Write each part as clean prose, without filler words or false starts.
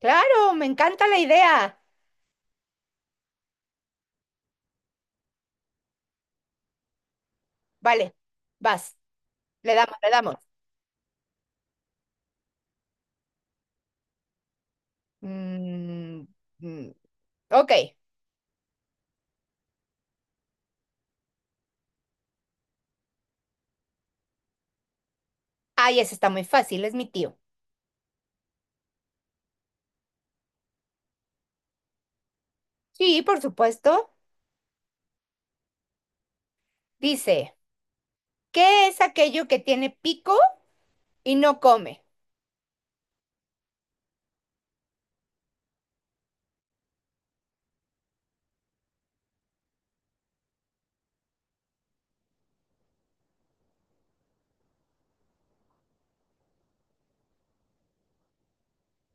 Claro, me encanta la idea. Vale, vas, le damos, le damos. Mm, mm, ok. Ay, ese está muy fácil, es mi tío. Sí, por supuesto. Dice, ¿qué es aquello que tiene pico y no come?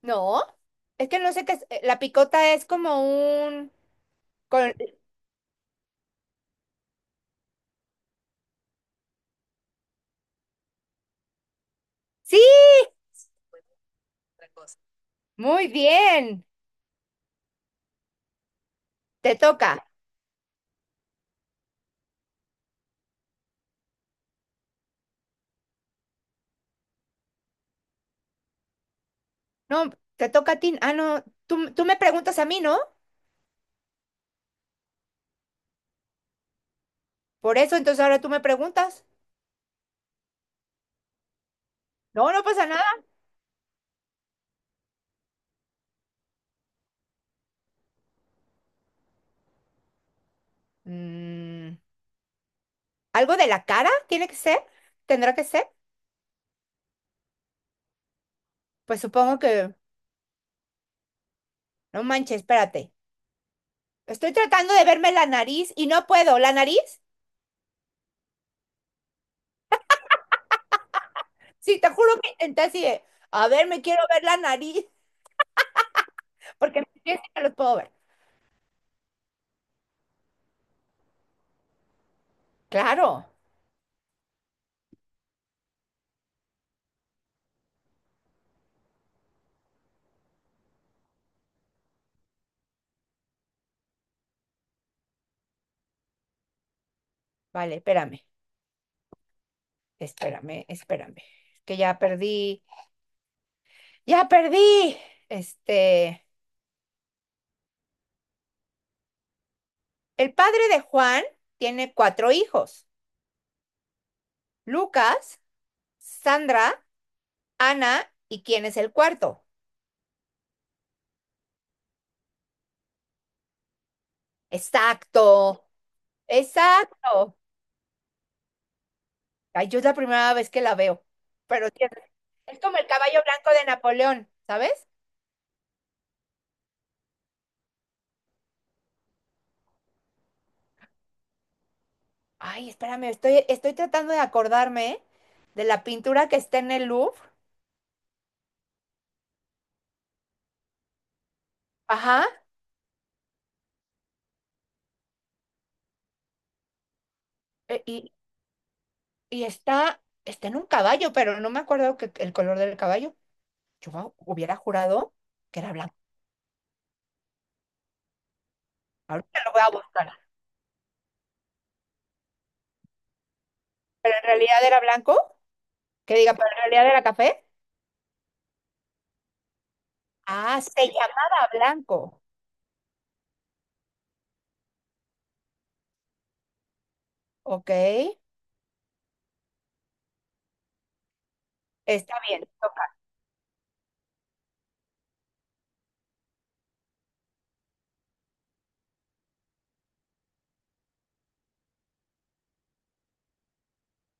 No, es que no sé qué es. La picota es como un... con- Sí, muy bien. Te toca. No, te toca a ti. Ah, no, tú me preguntas a mí, ¿no? Por eso, entonces ahora tú me preguntas. No, no pasa nada. Mm, ¿Algo de la cara tiene que ser? ¿Tendrá que ser? Pues supongo que. No manches, espérate. Estoy tratando de verme la nariz y no puedo. ¿La nariz? Sí, te juro que intenté así de. A ver, me quiero ver la nariz porque mis pies sí me los puedo ver. Claro. Vale, espérame, espérame, espérame. Que ya perdí. Ya perdí. Este... El padre de Juan tiene cuatro hijos. Lucas, Sandra, Ana y ¿quién es el cuarto? Exacto, exacto. Ay, yo es la primera vez que la veo, pero sí es como el caballo blanco de Napoleón, ¿sabes? Ay, espérame, estoy tratando de acordarme de la pintura que está en el Louvre. Ajá, e- y, y está en un caballo, pero no me acuerdo que, el color del caballo. Yo hubiera jurado que era blanco. Ahorita lo voy a buscar. ¿Pero en realidad era blanco? Que diga, ¿pero en realidad era café? Ah, se llamaba blanco. Ok. Está bien, toca.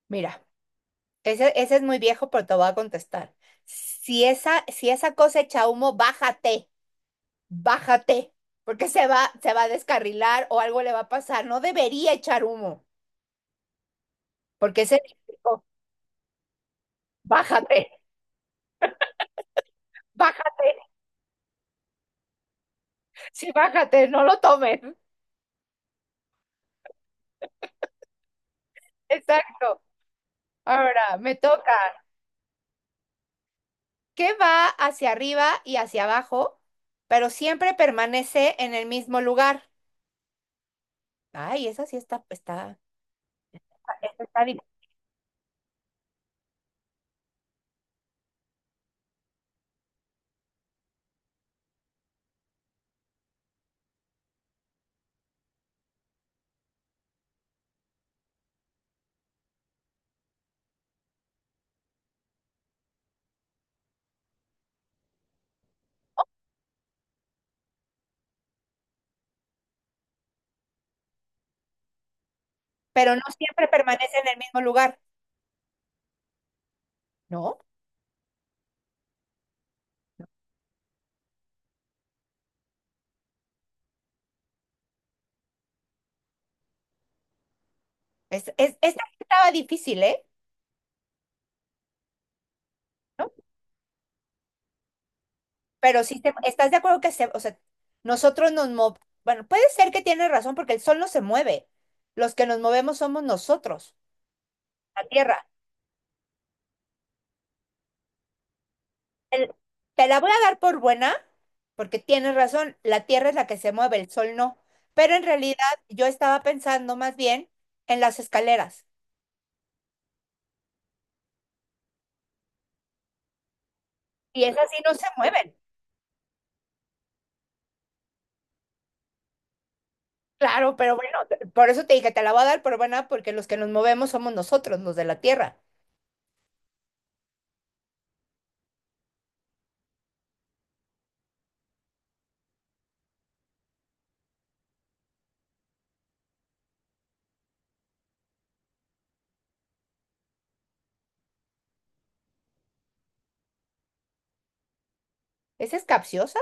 Mira, ese es muy viejo, pero te voy a contestar. Si esa cosa echa humo, bájate, bájate, porque se va a descarrilar o algo le va a pasar. No debería echar humo, porque es eléctrico. Bájate, bájate, sí, bájate, no lo tomes. Exacto. Ahora, me toca. ¿Qué va hacia arriba y hacia abajo, pero siempre permanece en el mismo lugar? Ay, esa sí está, esa está difícil. Pero no siempre permanece en el mismo lugar, ¿no? Esta estaba difícil, ¿eh? ¿No? Pero sí, ¿estás de acuerdo que o sea, nosotros nos movemos, bueno, puede ser que tienes razón porque el sol no se mueve, los que nos movemos somos nosotros, la Tierra. El- Te la voy a dar por buena, porque tienes razón, la Tierra es la que se mueve, el sol no, pero en realidad yo estaba pensando más bien en las escaleras, y esas sí no se mueven. Claro, pero bueno, por eso te dije, te la voy a dar por buena, porque los que nos movemos somos nosotros, los de la tierra. ¿Esa es capciosa?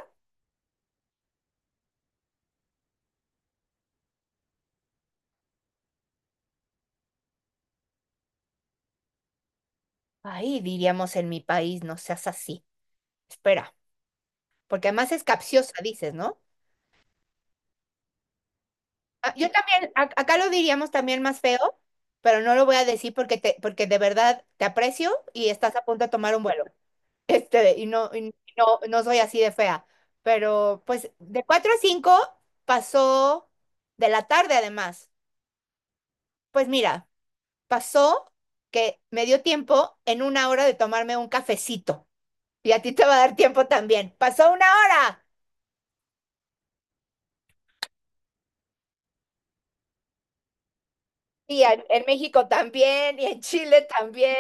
Ay, diríamos en mi país, no seas así. Espera, porque además es capciosa, dices, ¿no? Ah, yo también, acá lo diríamos también más feo, pero no lo voy a decir porque de verdad te aprecio y estás a punto de tomar un vuelo. Y no, no soy así de fea. Pero pues de 4 a 5 pasó de la tarde además. Pues mira. Pasó que me dio tiempo en una hora de tomarme un cafecito. Y a ti te va a dar tiempo también. Pasó una hora. Y en México también, y en Chile también.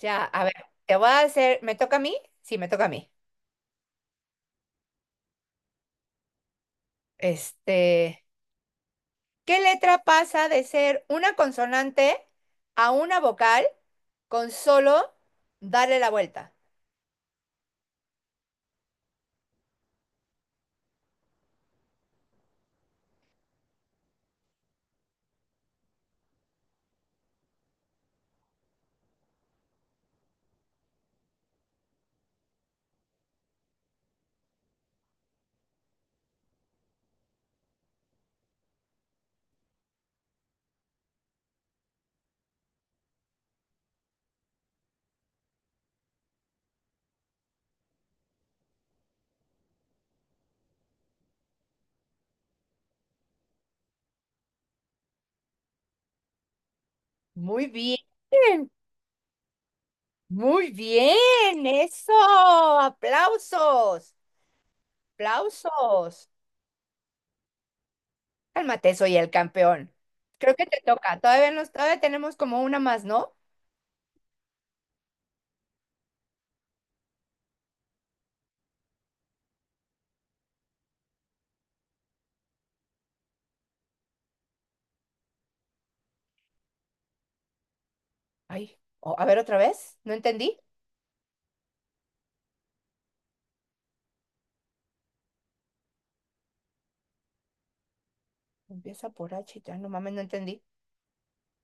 Ya, a ver, te voy a hacer, ¿me toca a mí? Sí, me toca a mí. Este, ¿Qué letra pasa de ser una consonante a una vocal con solo darle la vuelta? Muy bien, muy bien, eso, aplausos, aplausos. Cálmate, soy el campeón. Creo que te toca. Todavía tenemos como una más, ¿no? Ay, a ver otra vez. ¿No entendí? Empieza por H, y no mames, no entendí.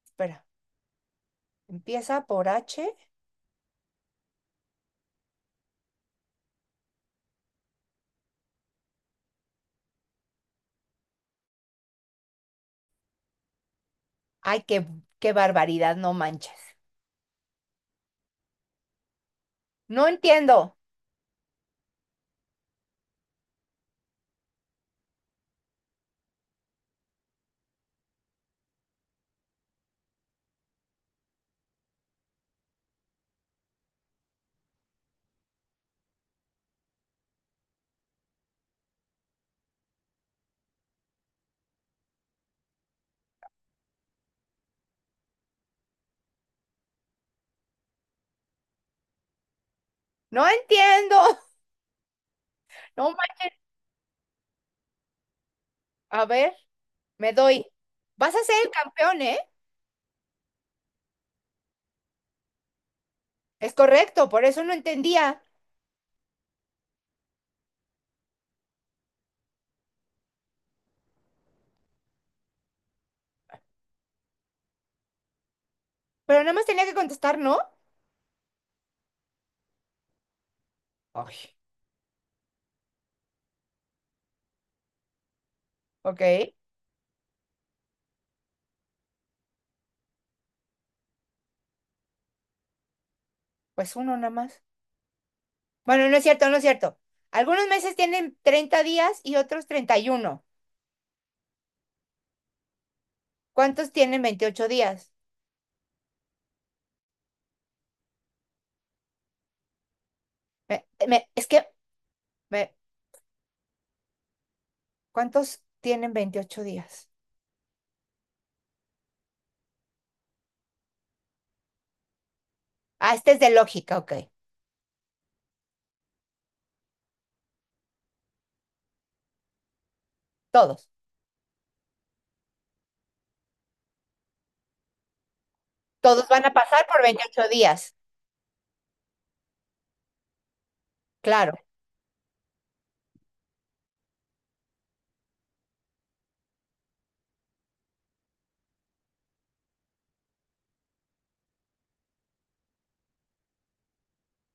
Espera. Empieza por H. Ay, qué barbaridad, no manches. No entiendo. No entiendo. No manches. A ver, me doy. Vas a ser el campeón, ¿eh? Es correcto, por eso no entendía. Pero nada más tenía que contestar, ¿no? Ay, ok. Pues uno nada más. Bueno, no es cierto, no es cierto. Algunos meses tienen 30 días y otros 31. ¿Cuántos tienen 28 días? Es que, me- ¿cuántos tienen 28 días? Ah, este es de lógica, ok. Todos. Todos van a pasar por 28 días. Claro.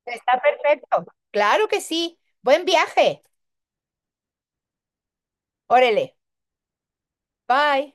Está perfecto. Claro que sí. Buen viaje. Órale. Bye.